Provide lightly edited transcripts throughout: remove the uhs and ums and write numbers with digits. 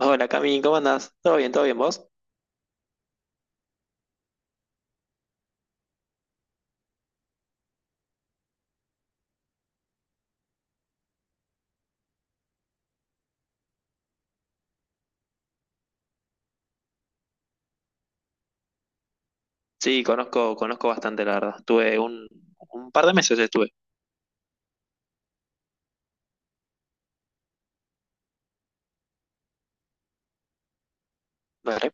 Hola Cami, ¿cómo andás? Todo bien vos? Sí, conozco, conozco bastante, la verdad. Tuve un par de meses estuve. Vale.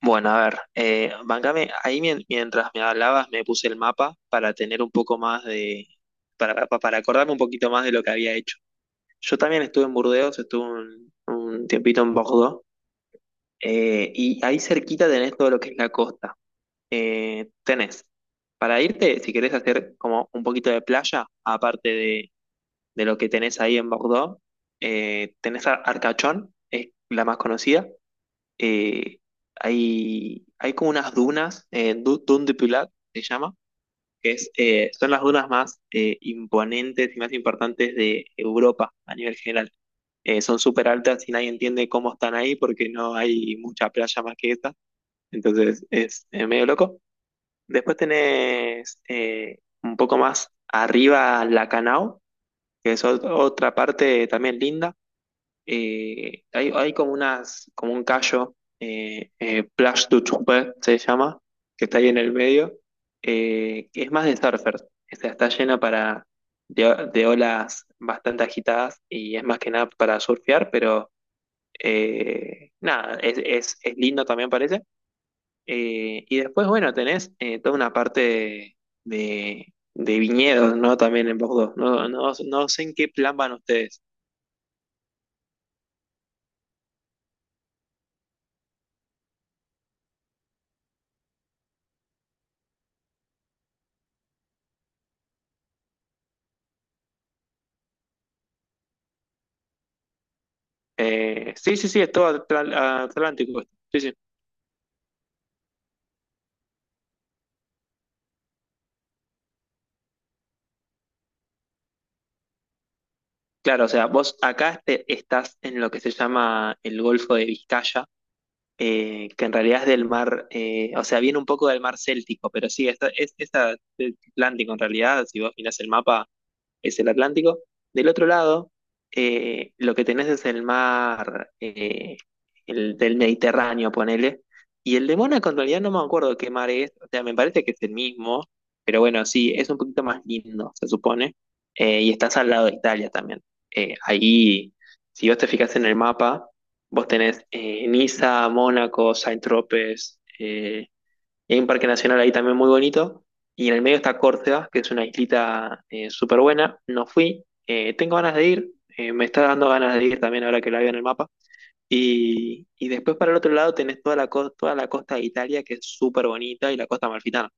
Bueno, a ver, bancame, ahí mientras me hablabas me puse el mapa para tener un poco más de, para acordarme un poquito más de lo que había hecho. Yo también estuve en Burdeos, estuve un tiempito en Bordeaux, y ahí cerquita tenés todo lo que es la costa. Tenés, para irte, si querés hacer como un poquito de playa, aparte de lo que tenés ahí en Bordeaux. Tenés Arcachón, es la más conocida. Eh, hay como unas dunas, Dune de Pulat se llama, que es, son las dunas más imponentes y más importantes de Europa a nivel general. Son súper altas y nadie entiende cómo están ahí porque no hay mucha playa más que esta. Entonces es medio loco. Después tenés un poco más arriba Lacanau, que es otra parte también linda. Hay como unas, como un callo, Plage du Tourpet se llama, que está ahí en el medio, que es más de surfers, o sea, está llena para, de olas bastante agitadas y es más que nada para surfear, pero nada, es lindo también parece. Y después, bueno, tenés toda una parte de viñedos, ¿no? También en Bordeaux. No, no, no sé en qué plan van ustedes. Sí, sí, sí, es todo atlántico. Sí, sí. Claro, o sea, vos acá estás en lo que se llama el Golfo de Vizcaya, que en realidad es del mar, o sea, viene un poco del mar Céltico, pero sí, esta es atlántico en realidad, si vos mirás el mapa. Es el Atlántico. Del otro lado, lo que tenés es el mar el del Mediterráneo, ponele. Y el de Mónaco, en realidad, no me acuerdo qué mar es. O sea, me parece que es el mismo. Pero bueno, sí, es un poquito más lindo, se supone. Y estás al lado de Italia también. Ahí, si vos te fijas en el mapa, vos tenés Niza, Mónaco, Saint-Tropez, y hay un parque nacional ahí también muy bonito. Y en el medio está Córcega, que es una islita súper buena. No fui. Tengo ganas de ir. Me está dando ganas de ir también ahora que la veo en el mapa. Y después para el otro lado tenés toda la costa de Italia, que es súper bonita, y la costa amalfitana.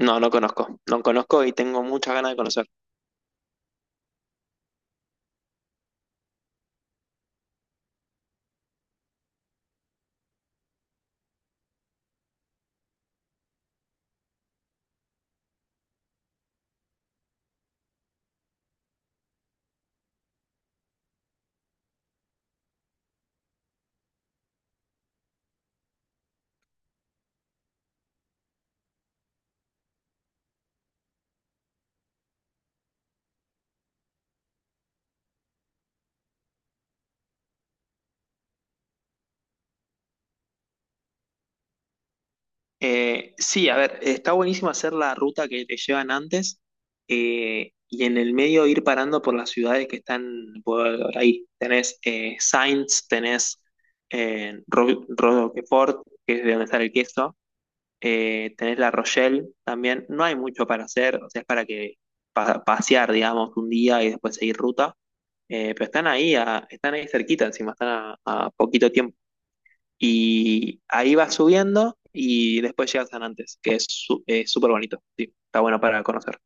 No, no conozco. No conozco y tengo muchas ganas de conocer. Sí, a ver, está buenísimo hacer la ruta que te llevan antes y en el medio ir parando por las ciudades que están por ahí. Tenés Sainz, tenés Roquefort, que es de donde está el queso, tenés La Rochelle también. No hay mucho para hacer, o sea, es para que pasear, digamos, un día y después seguir ruta. Pero están ahí cerquita, encima están a poquito tiempo. Y ahí vas subiendo y después llegas a Nantes, que es súper bonito. Sí, está bueno para conocer.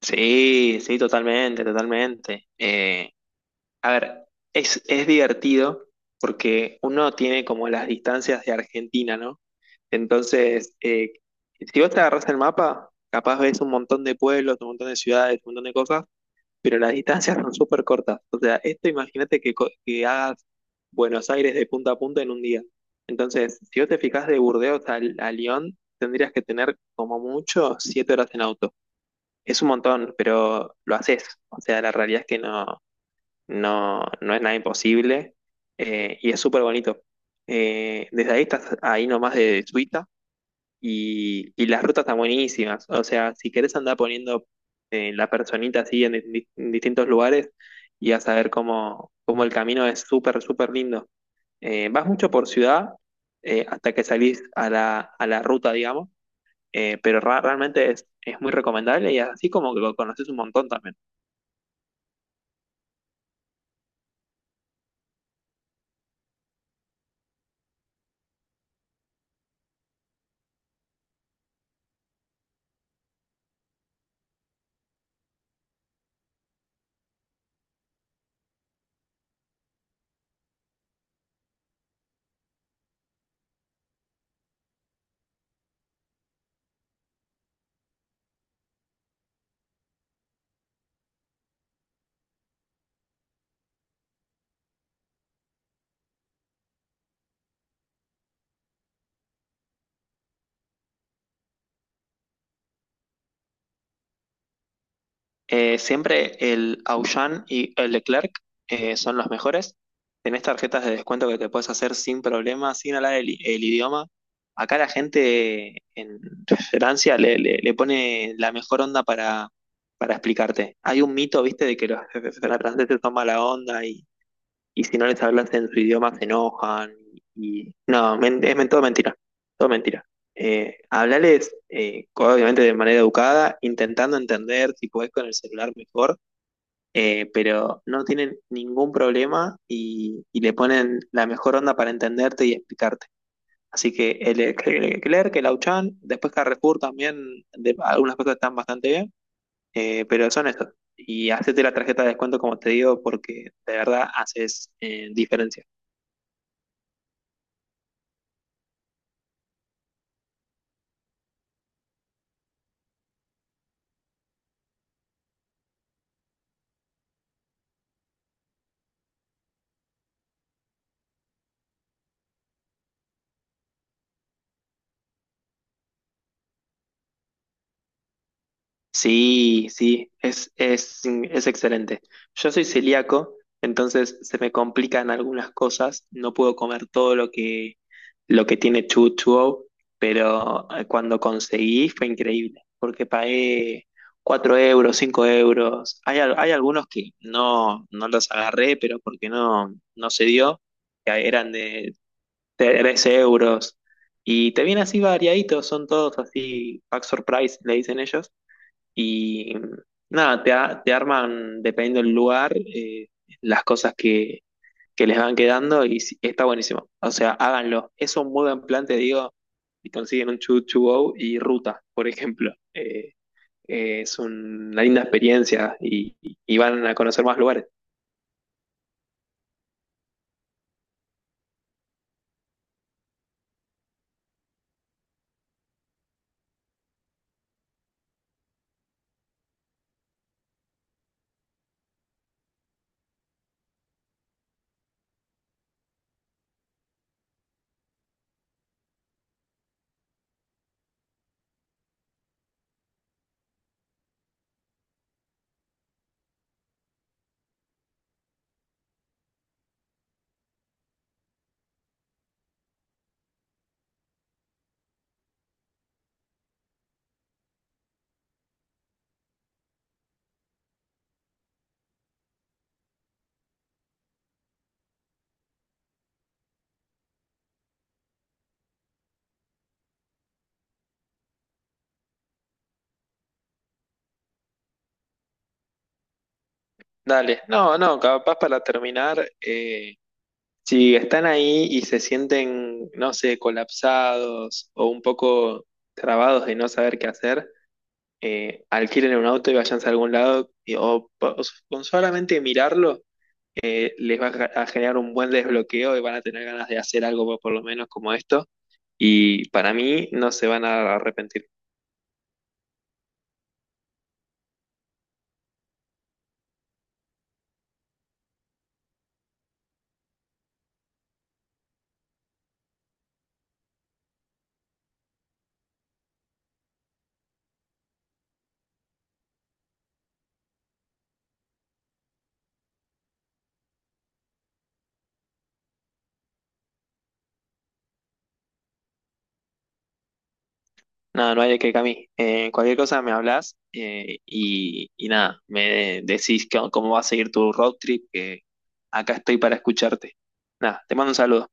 Sí, sí, totalmente, totalmente. A ver, es divertido porque uno tiene como las distancias de Argentina, ¿no? Entonces, si vos te agarrás el mapa, capaz ves un montón de pueblos, un montón de ciudades, un montón de cosas, pero las distancias son súper cortas. O sea, esto imagínate que, que hagas Buenos Aires de punta a punta en un día. Entonces, si vos te fijás de Burdeos a Lyon, tendrías que tener como mucho 7 horas en auto. Es un montón, pero lo haces. O sea, la realidad es que no, no, no es nada imposible y es súper bonito. Desde ahí estás ahí nomás de Suiza, y las rutas están buenísimas. O sea, si querés andar poniendo la personita así en, en distintos lugares y vas a ver cómo, cómo el camino es súper, súper lindo. Vas mucho por ciudad hasta que salís a la, ruta, digamos, pero realmente es muy recomendable y así como que lo conoces un montón también. Siempre el Auchan y el Leclerc son los mejores. Tenés tarjetas de descuento que te puedes hacer sin problema, sin hablar el idioma. Acá la gente en Francia le pone la mejor onda para explicarte. Hay un mito, viste, de que los franceses toman la onda y si no les hablas en su idioma se enojan. Y no, es todo mentira, todo mentira. Hablales, obviamente de manera educada, intentando entender si podés con el celular mejor, pero no tienen ningún problema y le ponen la mejor onda para entenderte y explicarte. Así que el Leclerc, el Auchan, después Carrefour también, algunas cosas están bastante bien, pero son estos. Y hacete la tarjeta de descuento, como te digo, porque de verdad haces diferencia. Sí, sí, es excelente. Yo soy celíaco, entonces se me complican algunas cosas. No puedo comer todo lo que tiene chuchu, pero cuando conseguí fue increíble, porque pagué 4 euros, 5 euros. Hay algunos que no los agarré, pero porque no se dio, que eran de 3 euros. Y te vienen así variaditos, son todos así, pack surprise, le dicen ellos y nada, te arman, dependiendo del lugar, las cosas que les van quedando y sí, está buenísimo. O sea, háganlo. Es un muy buen plan, te digo, y consiguen un Choo Choo Go y Ruta, por ejemplo. Es una linda experiencia y van a conocer más lugares. Dale, no, no, capaz para terminar, si están ahí y se sienten, no sé, colapsados o un poco trabados de no saber qué hacer, alquilen un auto y váyanse a algún lado, y- o, po- o s- con solamente mirarlo, les va a generar un buen desbloqueo y van a tener ganas de hacer algo por lo menos como esto, y para mí no se van a arrepentir. Nada, no hay de qué, Cami. Cualquier cosa me hablas y nada, me decís cómo va a seguir tu road trip, que acá estoy para escucharte. Nada, te mando un saludo.